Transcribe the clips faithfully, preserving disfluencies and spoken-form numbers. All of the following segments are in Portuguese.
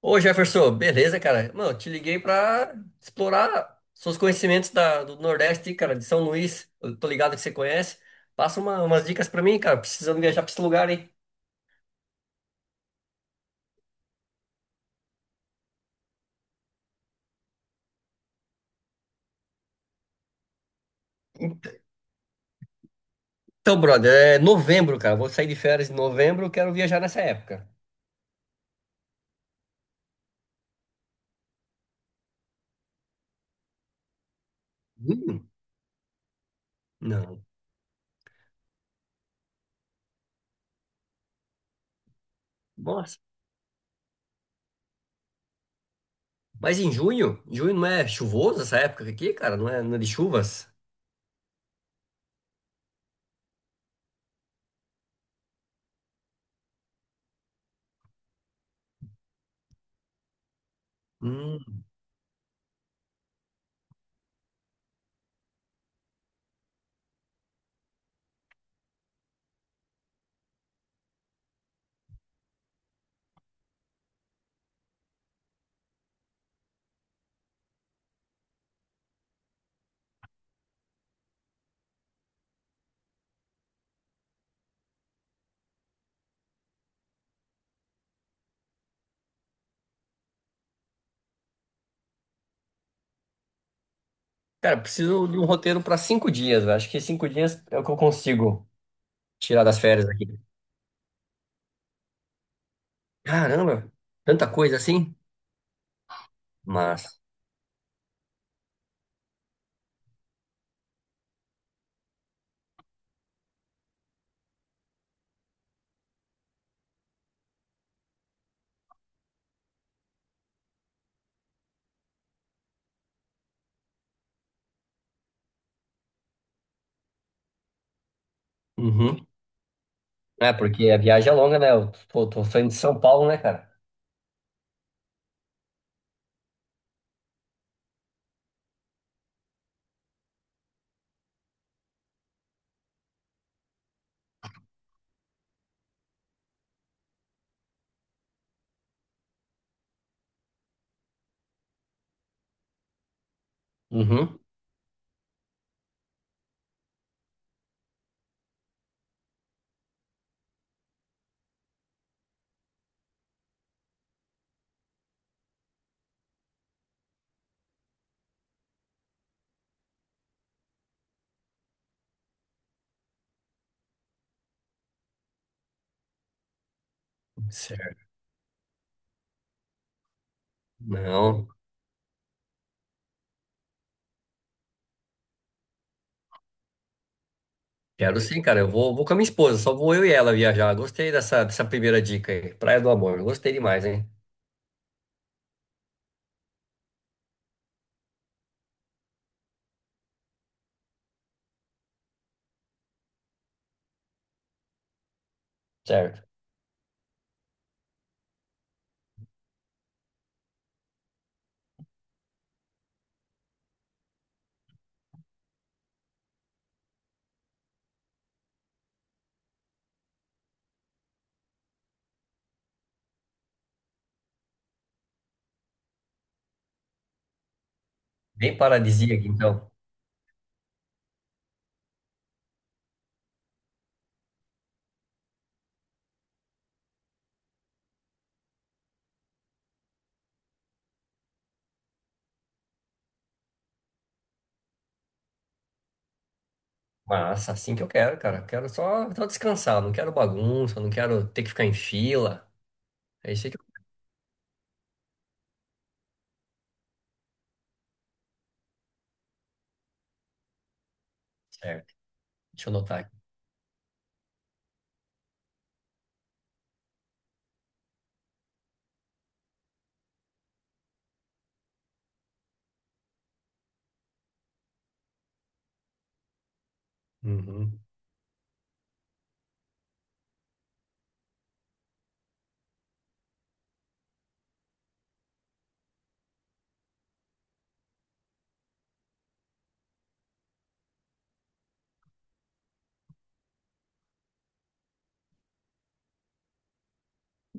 Ô Jefferson, beleza, cara? Mano, te liguei pra explorar seus conhecimentos da- do Nordeste, cara, de São Luís. Eu tô ligado que você conhece. Passa uma- umas dicas pra mim, cara. Precisando viajar pra esse lugar, hein? Então, brother, é novembro, cara. Vou sair de férias em novembro, quero viajar nessa época. Junho? Não. Nossa. Mas em junho? Junho não é chuvoso essa época aqui, cara? Não é, não é de chuvas? Hum. Cara, preciso de um roteiro pra cinco dias, velho. Acho que cinco dias é o que eu consigo tirar das férias aqui. Caramba, tanta coisa assim? Mas, uhum. É, porque a viagem é longa, né? Eu tô, tô saindo de São Paulo, né, cara? Uhum. Certo. Não, quero sim, cara. Eu vou, vou com a minha esposa, só vou eu e ela viajar. Gostei dessa, dessa primeira dica aí. Praia do Amor, gostei demais, hein? Certo. Bem paradisíaco, então. Massa, assim que eu quero, cara. Quero só, só descansar, não quero bagunça, não quero ter que ficar em fila. É isso aí que eu... Certo, deixa eu anotar aqui. Uhum.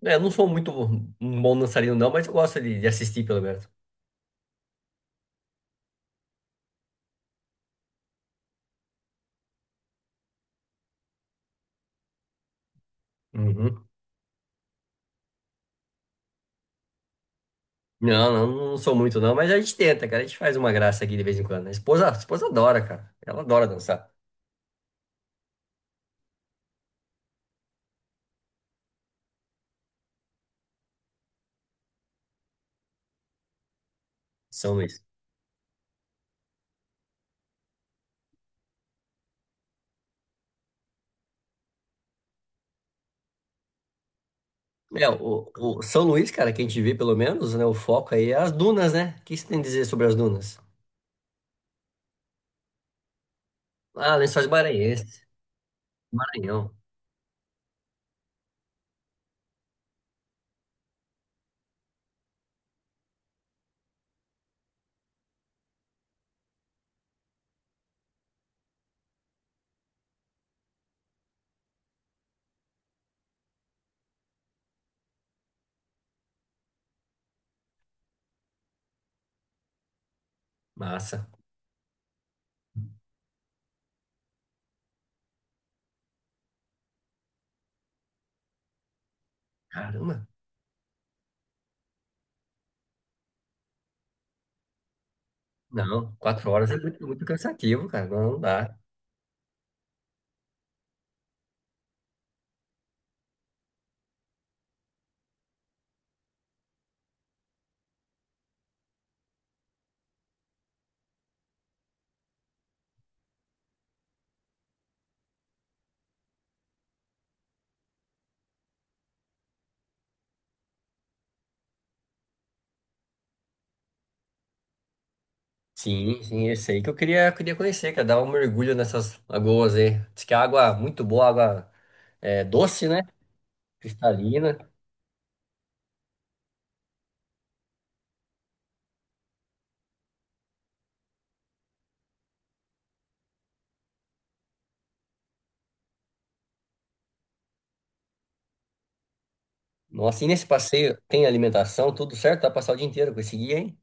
É, eu não sou muito um bom dançarino, não, mas eu gosto de de assistir, pelo menos. Uhum. Não, não, não sou muito não, mas a gente tenta, cara. A gente faz uma graça aqui de vez em quando, né? A esposa, a esposa adora, cara. Ela adora dançar. São Luís. É, o, o São Luís, cara, que a gente vê pelo menos, né? O foco aí é as dunas, né? O que você tem a dizer sobre as dunas? Ah, Lençóis Maranhenses, Maranhão. Massa. Caramba. Não, quatro horas é muito, muito cansativo, cara. Não, não dá. Sim, sim, esse aí que eu queria, queria conhecer, cara. Dar um mergulho nessas lagoas aí. Diz que a água é muito boa, água é, doce, né? Cristalina. Nossa, e nesse passeio tem alimentação, tudo certo? Vai passar o dia inteiro com esse guia, hein?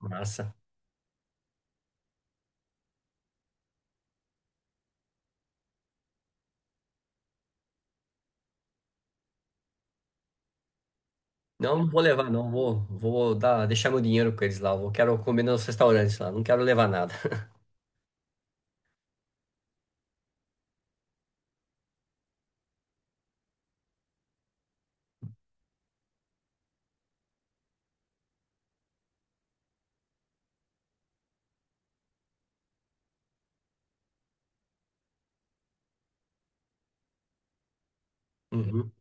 Massa. Não, não vou levar, não. Vou, vou dar, deixar meu dinheiro com eles lá. Eu quero comer nos restaurantes lá. Não quero levar nada. Uhum.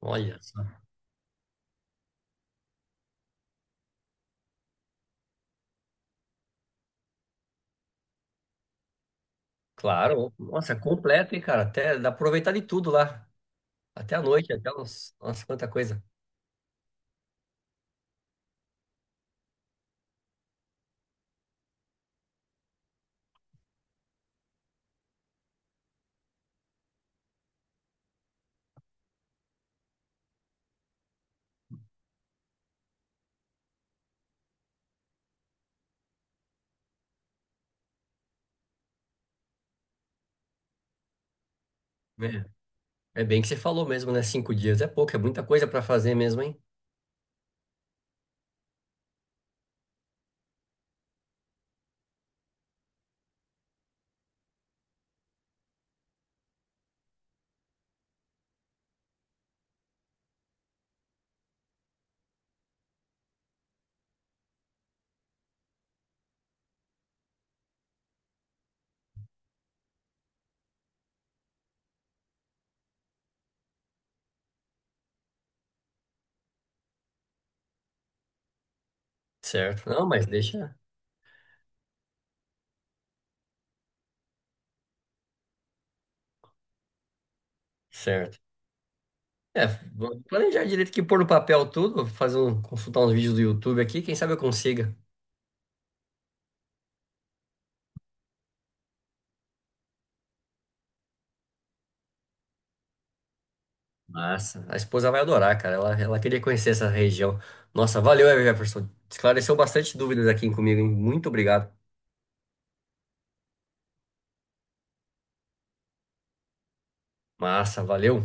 Olha só. Claro. Nossa, é completo, hein, cara? Até dá pra aproveitar de tudo lá. Até a noite, até uns... Nossa, quanta coisa. É, é bem que você falou mesmo, né? Cinco dias é pouco, é muita coisa pra fazer mesmo, hein? Certo. Não, mas deixa. Certo. É, vou planejar direito que pôr no papel tudo, vou fazer um, consultar uns vídeos do YouTube aqui, quem sabe eu consiga. Massa, a esposa vai adorar, cara. Ela, ela queria conhecer essa região. Nossa, valeu, Jefferson. Esclareceu bastante dúvidas aqui comigo, hein? Muito obrigado. Massa, valeu.